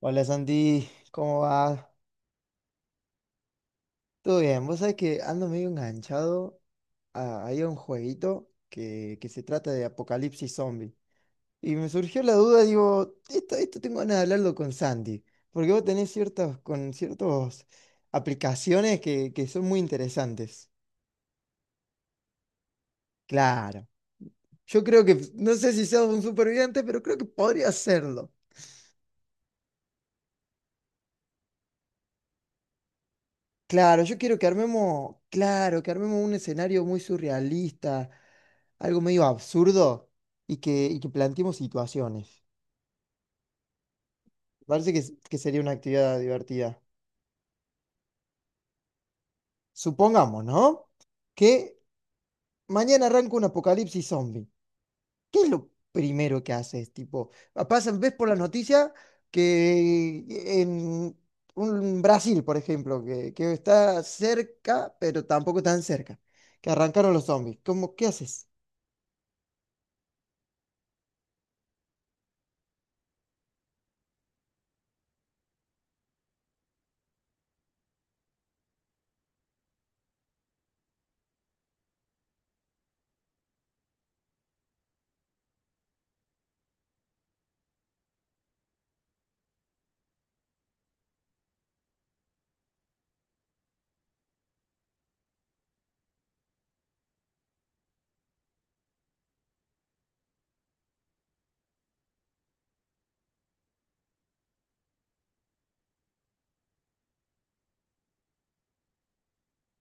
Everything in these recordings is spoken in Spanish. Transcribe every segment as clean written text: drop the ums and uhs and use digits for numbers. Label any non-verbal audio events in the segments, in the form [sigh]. Hola Santi, ¿cómo va? ¿Todo bien? Vos sabés que ando medio enganchado ahí a un jueguito que se trata de apocalipsis zombie. Y me surgió la duda, digo, esto tengo ganas de hablarlo con Santi, porque vos tenés con ciertas aplicaciones que son muy interesantes. Claro, yo creo no sé si seas un superviviente, pero creo que podría serlo. Claro, yo quiero que claro, que armemos un escenario muy surrealista, algo medio absurdo y y que planteemos situaciones. Me parece que sería una actividad divertida. Supongamos, ¿no? que mañana arranca un apocalipsis zombie. ¿Qué es lo primero que haces? Tipo, pasan, ves por las noticias que en un Brasil, por ejemplo, que está cerca, pero tampoco tan cerca, que arrancaron los zombies. ¿Cómo, qué haces?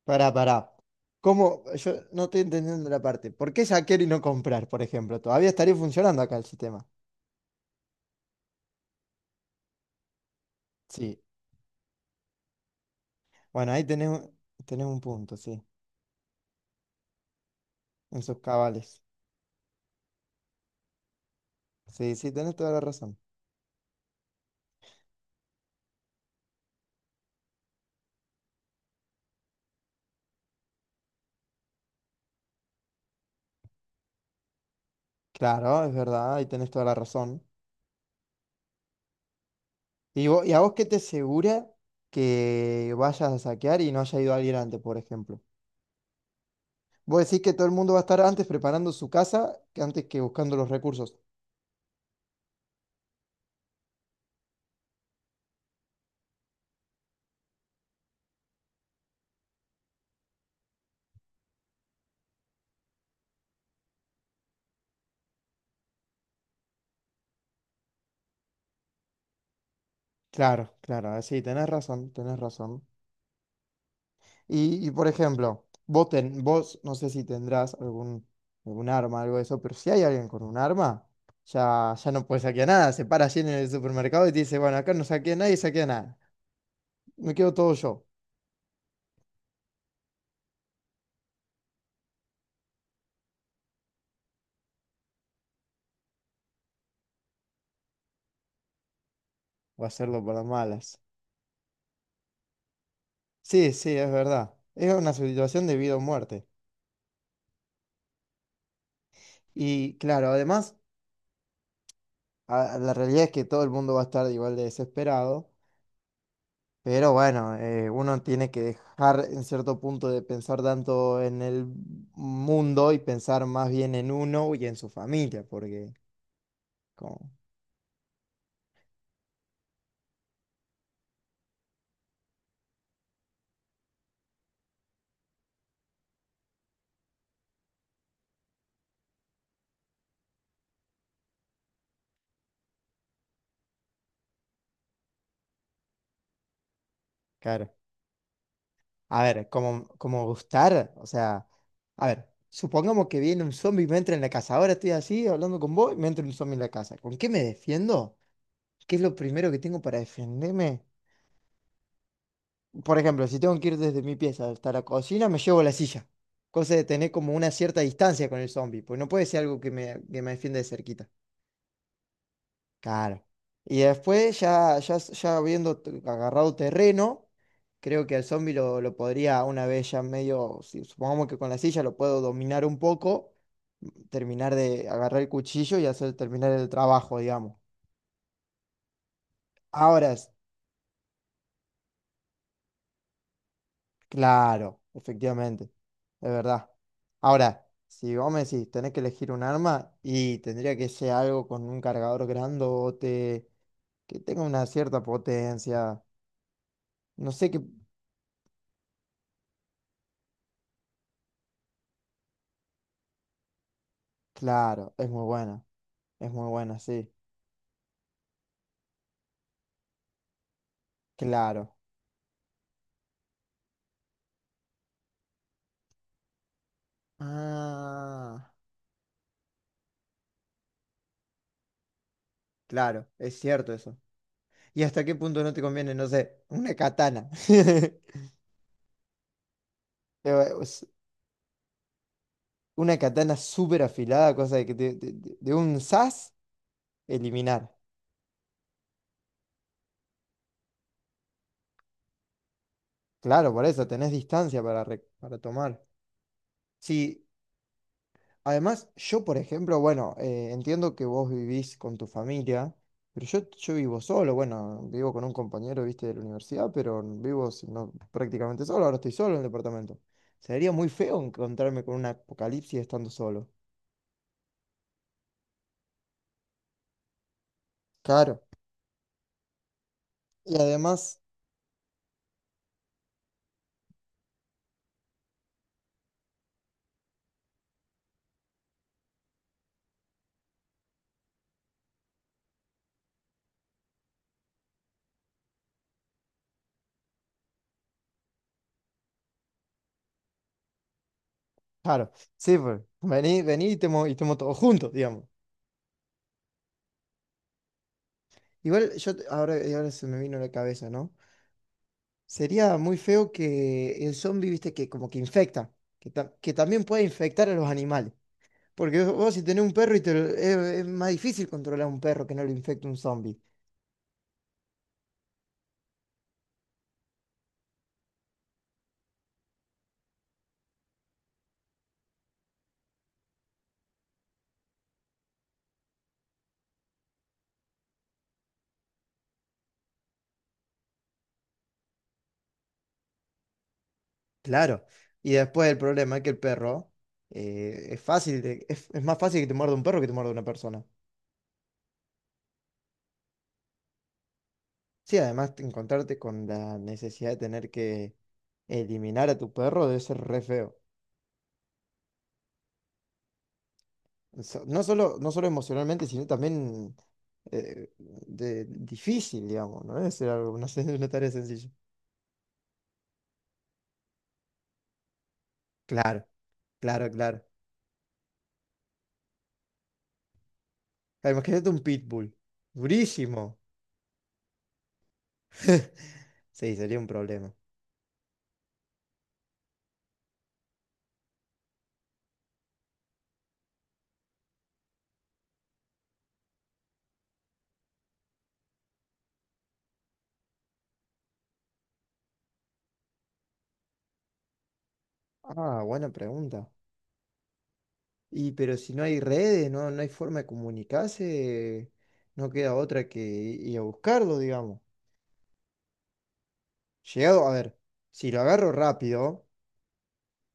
Pará, pará. ¿Cómo? Yo no estoy entendiendo la parte. ¿Por qué saquear y no comprar, por ejemplo? Todavía estaría funcionando acá el sistema. Sí. Bueno, ahí tenés, tenés un punto, sí. En sus cabales. Sí, sí, tenés toda la razón. Claro, es verdad, ahí tenés toda la razón. ¿Y a vos qué te asegura que vayas a saquear y no haya ido alguien antes, por ejemplo? Vos decís que todo el mundo va a estar antes preparando su casa que antes que buscando los recursos. Claro, claro, sí, tenés razón, tenés razón. Y, por ejemplo, vos no sé si tendrás algún arma, algo de eso, pero si hay alguien con un arma, ya, ya no puede saquear nada. Se para allí en el supermercado y te dice, bueno, acá no saquea nadie, saquea nada. Me quedo todo yo. O hacerlo por las malas. Sí, sí, es verdad. Es una situación de vida o muerte. Y claro, además, la realidad es que todo el mundo va a estar igual de desesperado. Pero bueno, uno tiene que dejar en cierto punto de pensar tanto en el mundo y pensar más bien en uno y en su familia, porque, como, claro, a ver, como gustar, o sea, a ver, supongamos que viene un zombie y me entra en la casa, ahora estoy así hablando con vos y me entra un zombie en la casa, ¿con qué me defiendo? ¿Qué es lo primero que tengo para defenderme? Por ejemplo, si tengo que ir desde mi pieza hasta la cocina, me llevo la silla. Cosa de tener como una cierta distancia con el zombie, pues no puede ser algo que me, defiende de cerquita. Claro. Y después, ya habiendo agarrado terreno, creo que al zombie lo podría una vez ya medio, supongamos que con la silla lo puedo dominar un poco, terminar de agarrar el cuchillo y hacer terminar el trabajo, digamos. Ahora, claro, efectivamente, es verdad. Ahora, si vos me decís, tenés que elegir un arma y tendría que ser algo con un cargador grandote, que tenga una cierta potencia. No sé qué... Claro, es muy buena, sí. Claro. Ah, claro, es cierto eso. ¿Y hasta qué punto no te conviene, no sé, una katana? [laughs] Es Una katana súper afilada, cosa de que de un sas, eliminar. Claro, por eso tenés distancia para tomar. Sí, además, yo, por ejemplo, bueno, entiendo que vos vivís con tu familia, pero yo vivo solo, bueno, vivo con un compañero, viste, de la universidad, pero vivo si no, prácticamente solo, ahora estoy solo en el departamento. Sería muy feo encontrarme con un apocalipsis estando solo. Claro. Y además, claro, sí, pues, vení, vení y y estemos todos juntos, digamos. Igual yo, ahora se me vino a la cabeza, ¿no? Sería muy feo que el zombie, viste, que como que infecta, que también puede infectar a los animales. Porque vos si tenés un perro y es más difícil controlar a un perro que no lo infecte un zombie. Claro. Y después el problema es que el perro es fácil, es más fácil que te muerda un perro que te muerda una persona. Sí, además encontrarte con la necesidad de tener que eliminar a tu perro debe ser re feo. No solo emocionalmente, sino también difícil, digamos, ¿no? Es algo, no sé, [laughs] una tarea sencilla. Claro, claro, claro. Ah, imagínate un pitbull. Durísimo. [laughs] Sí, sería un problema. Ah, buena pregunta. Y pero si no hay redes, no hay forma de comunicarse, no queda otra que ir a buscarlo, digamos. Llegado, a ver, si lo agarro rápido.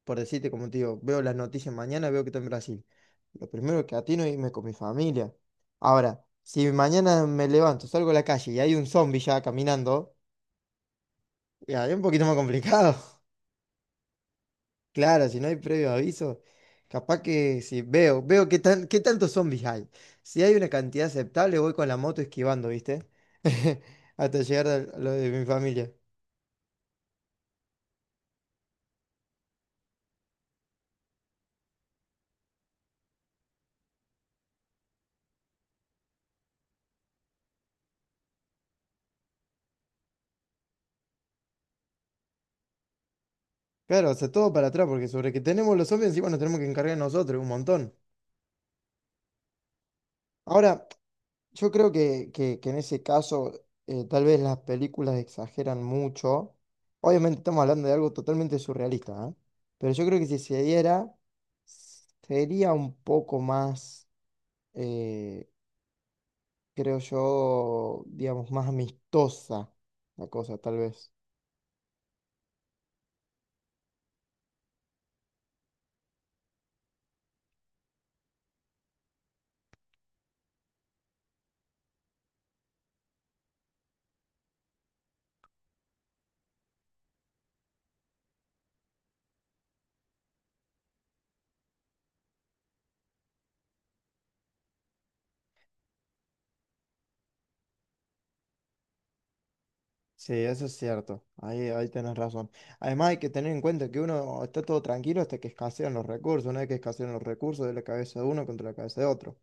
Por decirte, como te digo, veo las noticias mañana, veo que está en Brasil. Lo primero que atino es irme con mi familia. Ahora, si mañana me levanto, salgo a la calle y hay un zombie ya caminando, ya es un poquito más complicado. [laughs] Claro, si no hay previo aviso, capaz que si veo qué tantos zombies hay. Si hay una cantidad aceptable, voy con la moto esquivando, ¿viste? [laughs] Hasta llegar a lo de mi familia. Claro, o sea, todo para atrás, porque sobre que tenemos los zombies encima nos tenemos que encargar nosotros, un montón. Ahora, yo creo que en ese caso tal vez las películas exageran mucho. Obviamente estamos hablando de algo totalmente surrealista, ¿eh? Pero yo creo que si se diera, sería un poco más, eh, creo yo, digamos, más amistosa la cosa, tal vez. Sí, eso es cierto. Ahí tenés razón. Además hay que tener en cuenta que uno está todo tranquilo hasta que escasean los recursos. Una vez que escasean los recursos, de la cabeza de uno contra la cabeza de otro.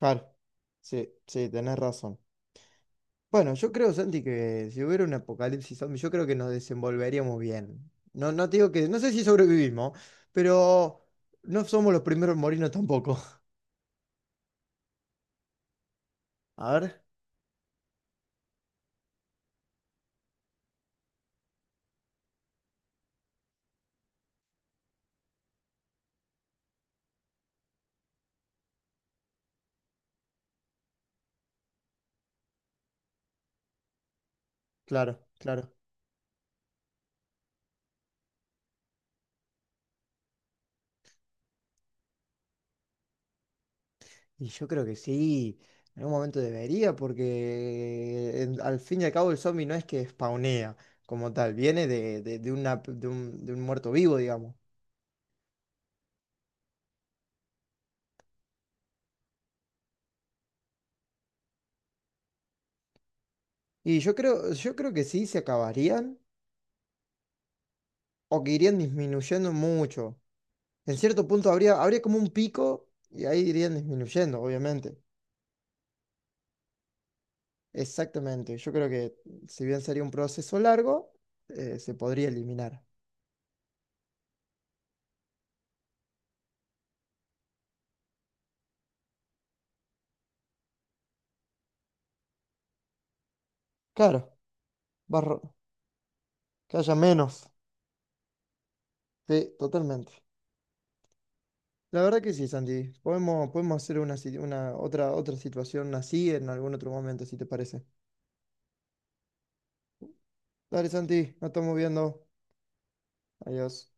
Claro, sí, sí, tenés razón. Bueno, yo creo, Santi, que si hubiera un apocalipsis zombie, yo creo que nos desenvolveríamos bien. No, no te digo no sé si sobrevivimos, pero no somos los primeros en morirnos tampoco. [laughs] A ver, claro, claro. Y yo creo que sí, en algún momento debería, porque al fin y al cabo el zombie no es que spawnea como tal, viene de un muerto vivo, digamos. Y yo creo que sí se acabarían o que irían disminuyendo mucho. En cierto punto habría como un pico y ahí irían disminuyendo, obviamente. Exactamente. Yo creo que si bien sería un proceso largo, se podría eliminar. Claro, barro, que haya menos. Sí, totalmente. La verdad que sí, Santi. Podemos hacer una, si- una otra, otra situación así en algún otro momento, si te parece. Dale, Santi, nos estamos viendo. Adiós.